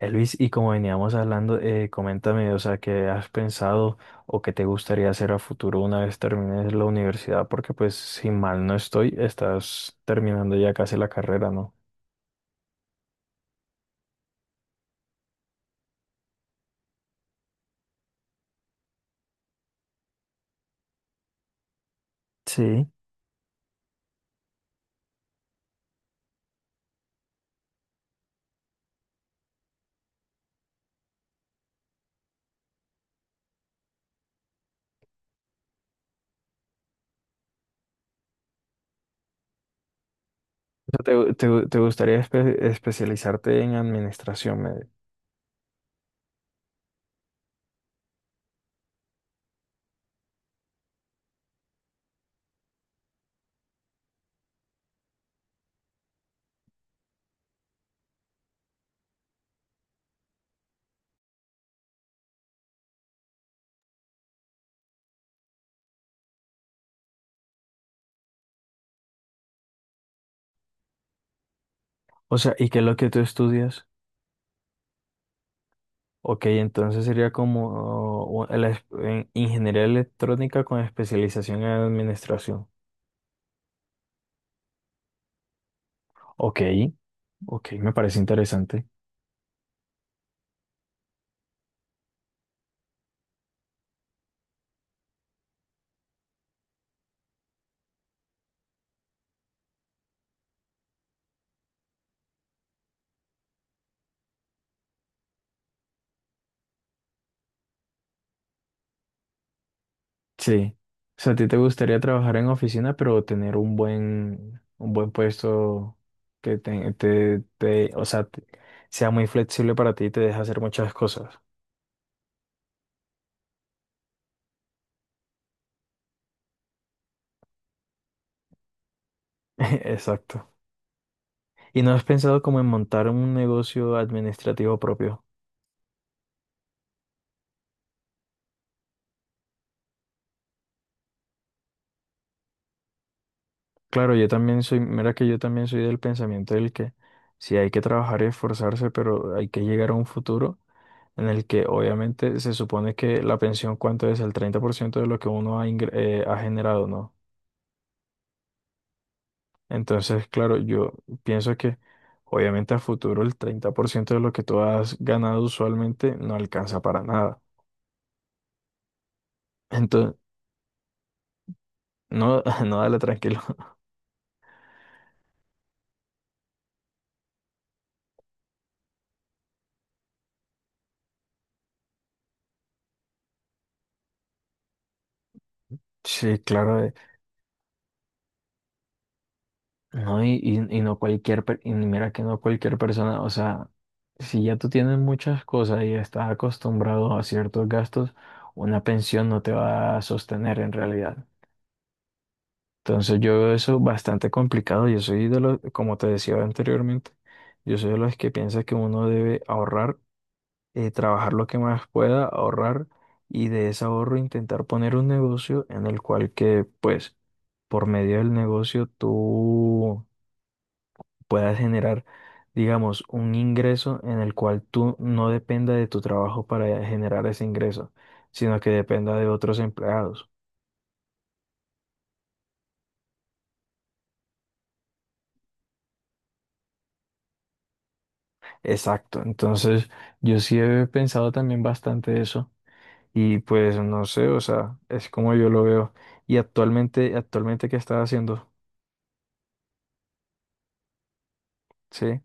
Luis, y como veníamos hablando, coméntame, o sea, qué has pensado o qué te gustaría hacer a futuro una vez termines la universidad, porque pues si mal no estoy, estás terminando ya casi la carrera, ¿no? Sí. O sea, te gustaría especializarte en administración, O sea, ¿y qué es lo que tú estudias? Ok, entonces sería como en ingeniería electrónica con especialización en administración. Ok, ok, me parece interesante. Sí. O sea, a ti te gustaría trabajar en oficina, pero tener un buen puesto que o sea, sea muy flexible para ti y te deje hacer muchas cosas. Exacto. ¿Y no has pensado como en montar un negocio administrativo propio? Claro, yo también soy, mira que yo también soy del pensamiento del que sí hay que trabajar y esforzarse, pero hay que llegar a un futuro en el que obviamente se supone que la pensión cuánto es el 30% de lo que uno ha generado, ¿no? Entonces, claro, yo pienso que obviamente a futuro el 30% de lo que tú has ganado usualmente no alcanza para nada. Entonces, no, no, dale tranquilo. Sí, claro, no, y, y no y mira que no cualquier persona, o sea, si ya tú tienes muchas cosas y estás acostumbrado a ciertos gastos, una pensión no te va a sostener en realidad. Entonces yo veo eso bastante complicado. Yo soy de los, como te decía anteriormente, yo soy de los que piensa que uno debe ahorrar, trabajar lo que más pueda, ahorrar y de ese ahorro intentar poner un negocio en el cual que, pues, por medio del negocio tú puedas generar, digamos, un ingreso en el cual tú no dependa de tu trabajo para generar ese ingreso, sino que dependa de otros empleados. Exacto, entonces yo sí he pensado también bastante eso y pues no sé, o sea, es como yo lo veo. Y actualmente, actualmente ¿qué estás haciendo? Sí,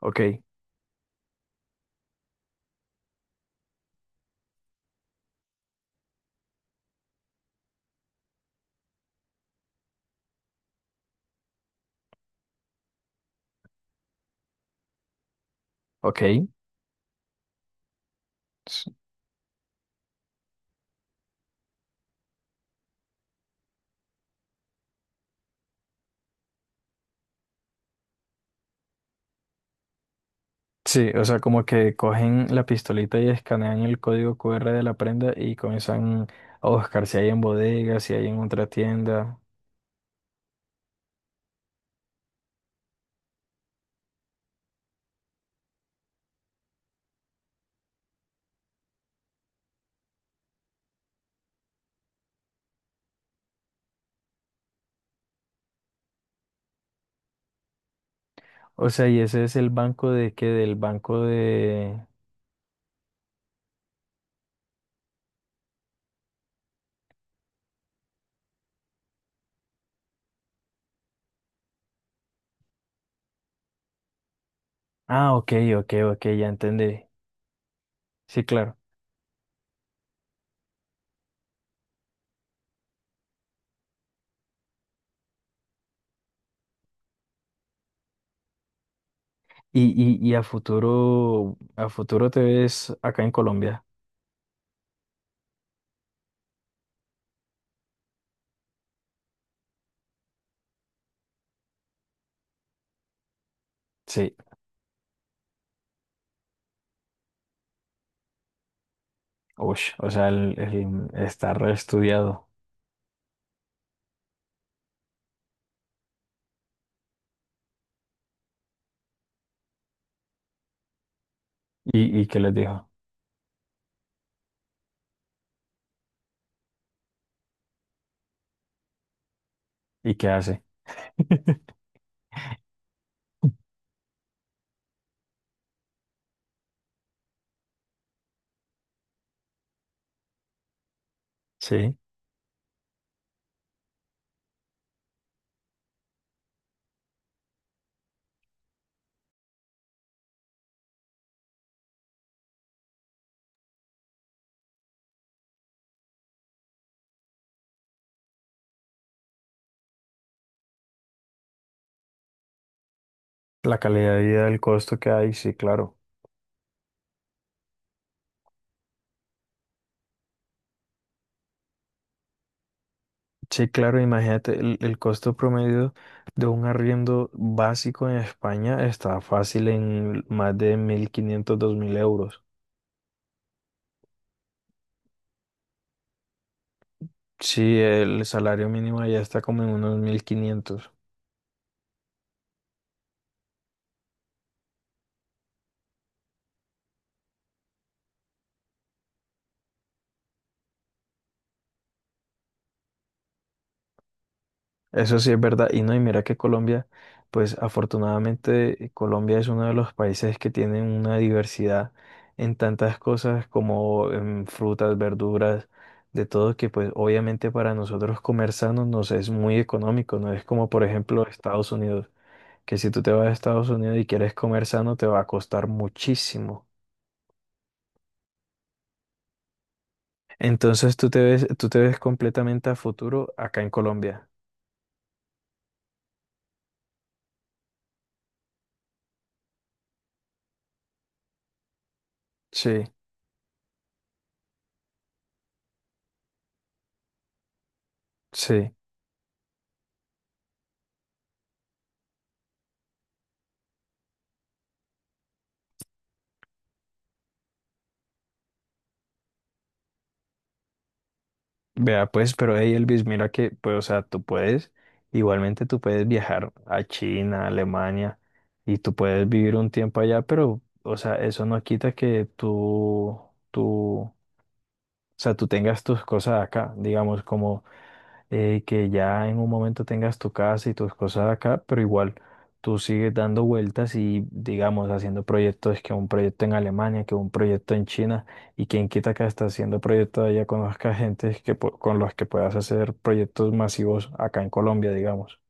ok, ok. s- Sí, o sea, como que cogen la pistolita y escanean el código QR de la prenda y comienzan a buscar si hay en bodegas, si hay en otra tienda. O sea, y ese es el banco de qué, del banco de... Ah, ok, ok, ok, ya entendí. Sí, claro. Y a futuro te ves acá en Colombia. Sí, uy, o sea, el, está reestudiado. Y qué les dijo? ¿Y qué hace? Sí, la calidad de vida, el costo que hay, sí, claro. Sí, claro, imagínate, el costo promedio de un arriendo básico en España está fácil en más de 1500 2000 euros. Sí, el salario mínimo ya está como en unos 1500. Eso sí es verdad. Y no, y mira que Colombia, pues afortunadamente Colombia es uno de los países que tienen una diversidad en tantas cosas como en frutas, verduras, de todo, que pues obviamente para nosotros comer sano nos es muy económico, no es como por ejemplo Estados Unidos, que si tú te vas a Estados Unidos y quieres comer sano te va a costar muchísimo. Entonces tú te ves completamente a futuro acá en Colombia. Sí, sí. Vea, pues, pero hey Elvis, mira que, pues, o sea, tú puedes, igualmente tú puedes viajar a China, a Alemania, y tú puedes vivir un tiempo allá, pero, o sea, eso no quita que tú, o sea, tú tengas tus cosas acá, digamos, como que ya en un momento tengas tu casa y tus cosas acá, pero igual tú sigues dando vueltas y, digamos, haciendo proyectos, que un proyecto en Alemania, que un proyecto en China, y quien quita que hasta haciendo proyectos allá conozca gente que, con los que puedas hacer proyectos masivos acá en Colombia, digamos.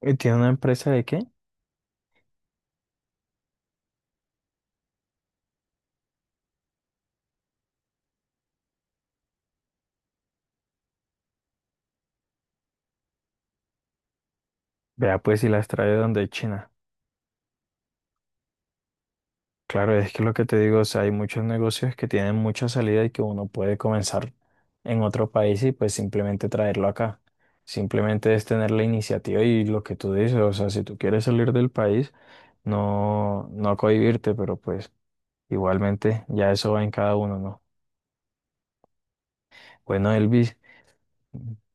¿Y tiene una empresa de qué? Vea, pues si las trae donde China. Claro, es que lo que te digo, o sea, hay muchos negocios que tienen mucha salida y que uno puede comenzar en otro país y pues simplemente traerlo acá. Simplemente es tener la iniciativa y lo que tú dices, o sea, si tú quieres salir del país, no, no cohibirte, pero pues igualmente ya eso va en cada uno, ¿no? Bueno, Elvis,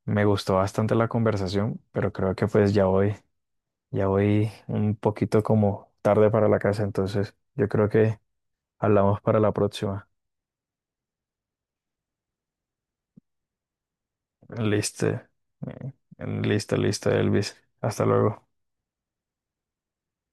me gustó bastante la conversación, pero creo que pues ya voy un poquito como tarde para la casa, entonces yo creo que hablamos para la próxima. Listo. Listo, listo, Elvis. Hasta luego.